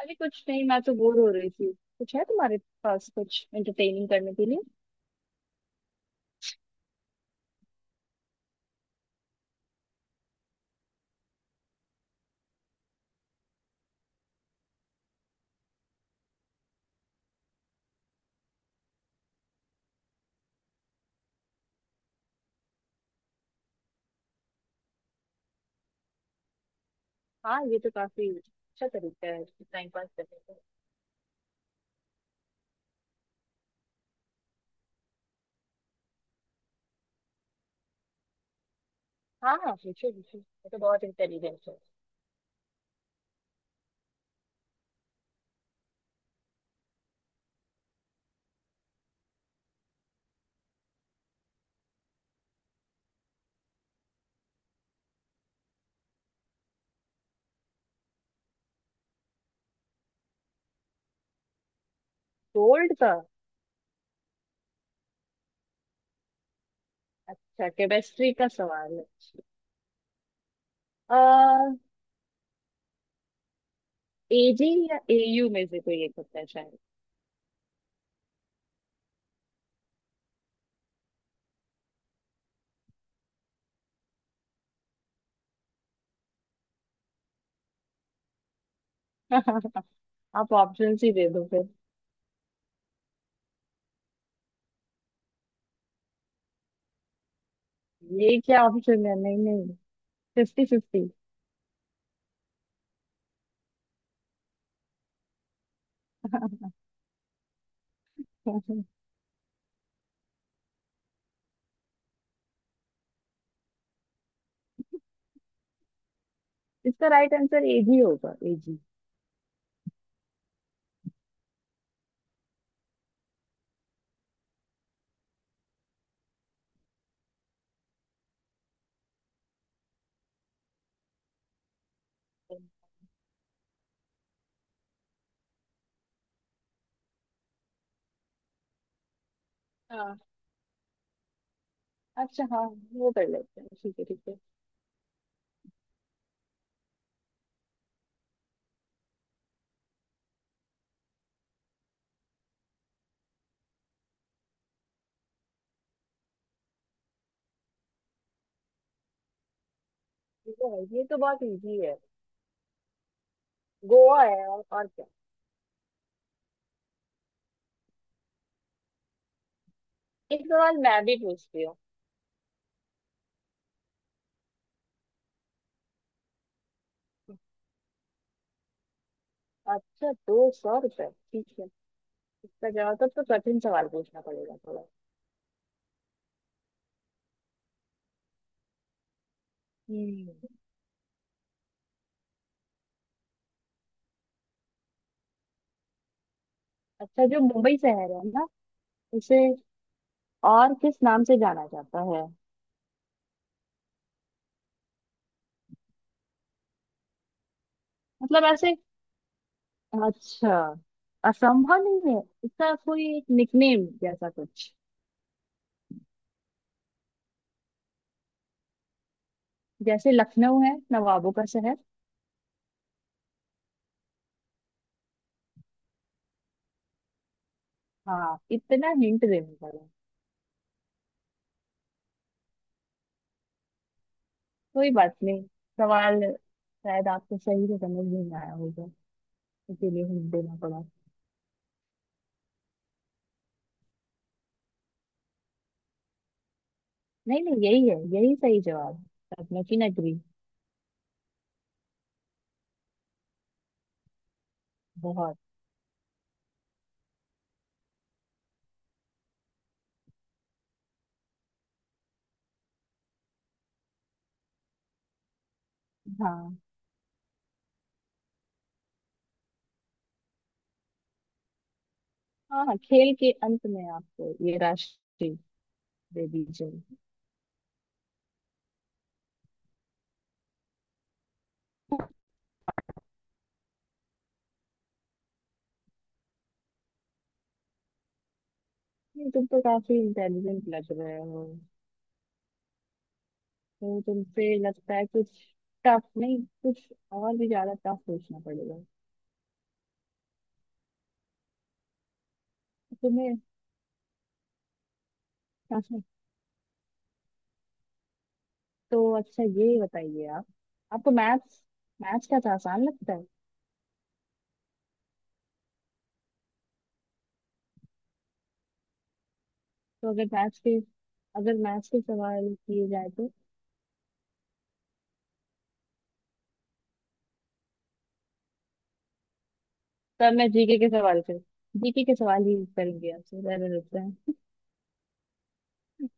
अरे कुछ नहीं, मैं तो बोर हो रही थी। कुछ है तुम्हारे पास कुछ एंटरटेनिंग करने के लिए। हाँ, ये तो काफी अच्छा तरीका है टाइम पास करने का। हाँ हाँ, पूछो पूछो, ये तो बहुत इंटेलिजेंट है। गोल्ड का। अच्छा, केमिस्ट्री का सवाल है। आ, एजी या एयू में से कोई एक होता है शायद। आप ऑप्शन ही दे दो फिर। ये क्या ऑप्शन है, नहीं नहीं, फिफ्टी फिफ्टी। इसका राइट आंसर एजी होगा, एजी। हाँ। अच्छा, हाँ, वो कर लेते हैं, ठीक है ठीक है। ये तो है, ये तो बहुत इजी है। गोवा है, और क्या। एक सवाल मैं भी पूछती हूँ। अच्छा, 200 रुपये ठीक है। इसका जवाब तो कठिन सवाल पूछना पड़ेगा थोड़ा। हम्म। अच्छा, जो मुंबई शहर है ना उसे और किस नाम से जाना जाता है। मतलब ऐसे। अच्छा, असंभव नहीं है, इसका कोई एक निकनेम जैसा कुछ, जैसे लखनऊ है नवाबों का शहर। हाँ, इतना हिंट देना पड़ा। कोई बात नहीं। सवाल शायद आपको सही से समझ नहीं आया होगा, इसीलिए हिंट देना पड़ा। नहीं नहीं, यही है, यही सही जवाब है, सपनों की नगरी। बहुत। हाँ। हाँ हाँ, खेल के अंत में आपको ये राशि दे दी जाएगी। तुम तो काफी इंटेलिजेंट लग रहे हो। तो तुमसे लगता है कुछ टफ नहीं, कुछ और भी ज्यादा टफ पूछना पड़ेगा तुम्हें। तो अच्छा, ये बताइए आप, आपको मैथ्स मैथ्स का तो आसान लगता है। तो अगर मैथ्स के सवाल किए जाए तो। तब मैं जीके के सवाल ही करेंगे आपसे, ज्यादा लगता है।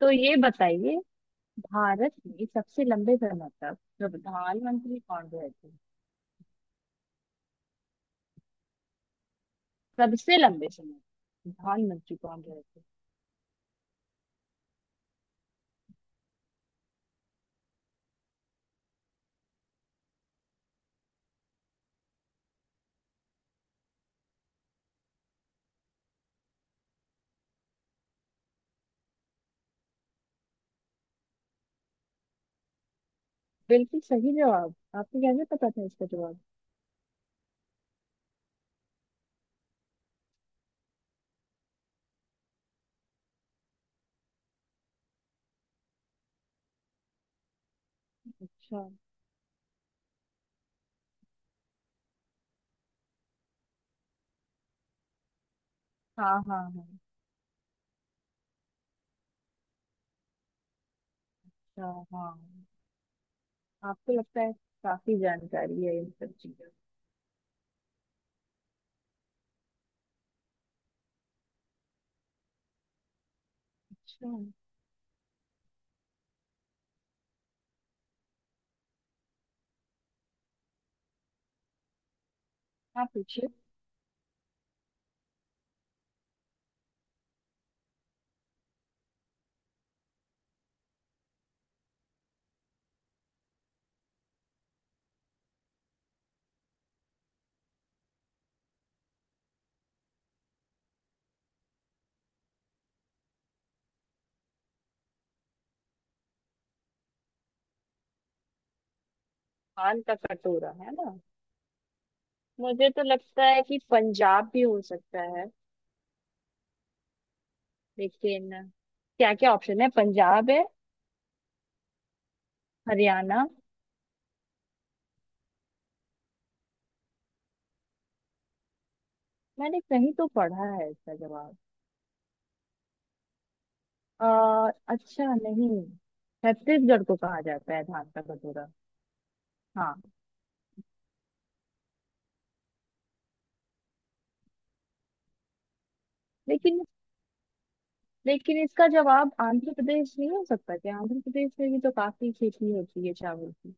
तो ये बताइए, भारत में सबसे लंबे समय तक प्रधानमंत्री कौन रहे थे। सबसे लंबे समय तक प्रधानमंत्री कौन रहे थे। बिल्कुल सही जवाब, आपको कैसे पता था इसका जवाब। अच्छा। हाँ हाँ हाँ। अच्छा। हाँ। आपको लगता है काफी जानकारी है इन सब चीजों। अच्छा। आप पूछिए। पान का कटोरा है ना, मुझे तो लगता है कि पंजाब भी हो सकता है, लेकिन क्या क्या ऑप्शन है, पंजाब है, हरियाणा। मैंने कहीं तो पढ़ा है इसका जवाब। अच्छा, नहीं, छत्तीसगढ़ को कहा जाता है धान का कटोरा। हाँ, लेकिन लेकिन इसका जवाब आंध्र प्रदेश नहीं हो सकता क्या, आंध्र प्रदेश में भी तो काफी खेती होती है चावल की।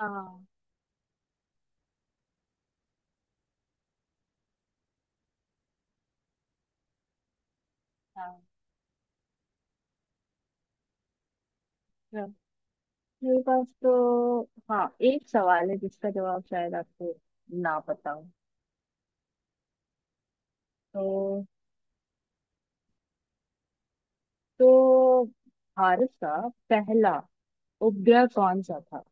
हाँ हाँ हाँ। मेरे पास तो, हाँ, एक सवाल है जिसका जवाब शायद आपको ना पता हो। तो तो भारत का पहला उपग्रह कौन सा था।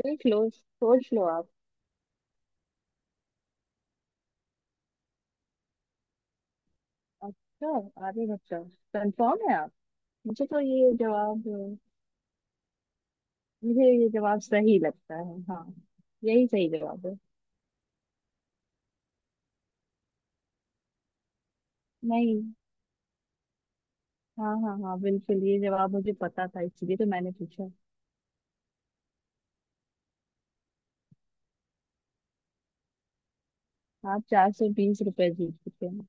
देख लो, सोच लो आप। अच्छा, आगे बच्चा, कंफर्म है आप। मुझे तो ये जवाब मुझे ये जवाब सही लगता है, हाँ, यही सही जवाब है। नहीं, हाँ हाँ हाँ, बिल्कुल ये जवाब मुझे पता था, इसलिए तो मैंने पूछा। आप 420 रुपए जीत चुके हैं।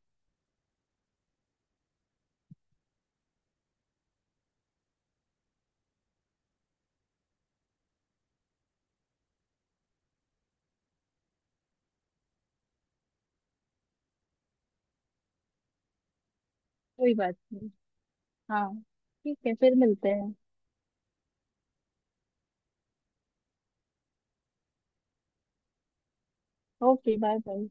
कोई बात। हाँ, ठीक है, फिर मिलते हैं। Okay, bye bye.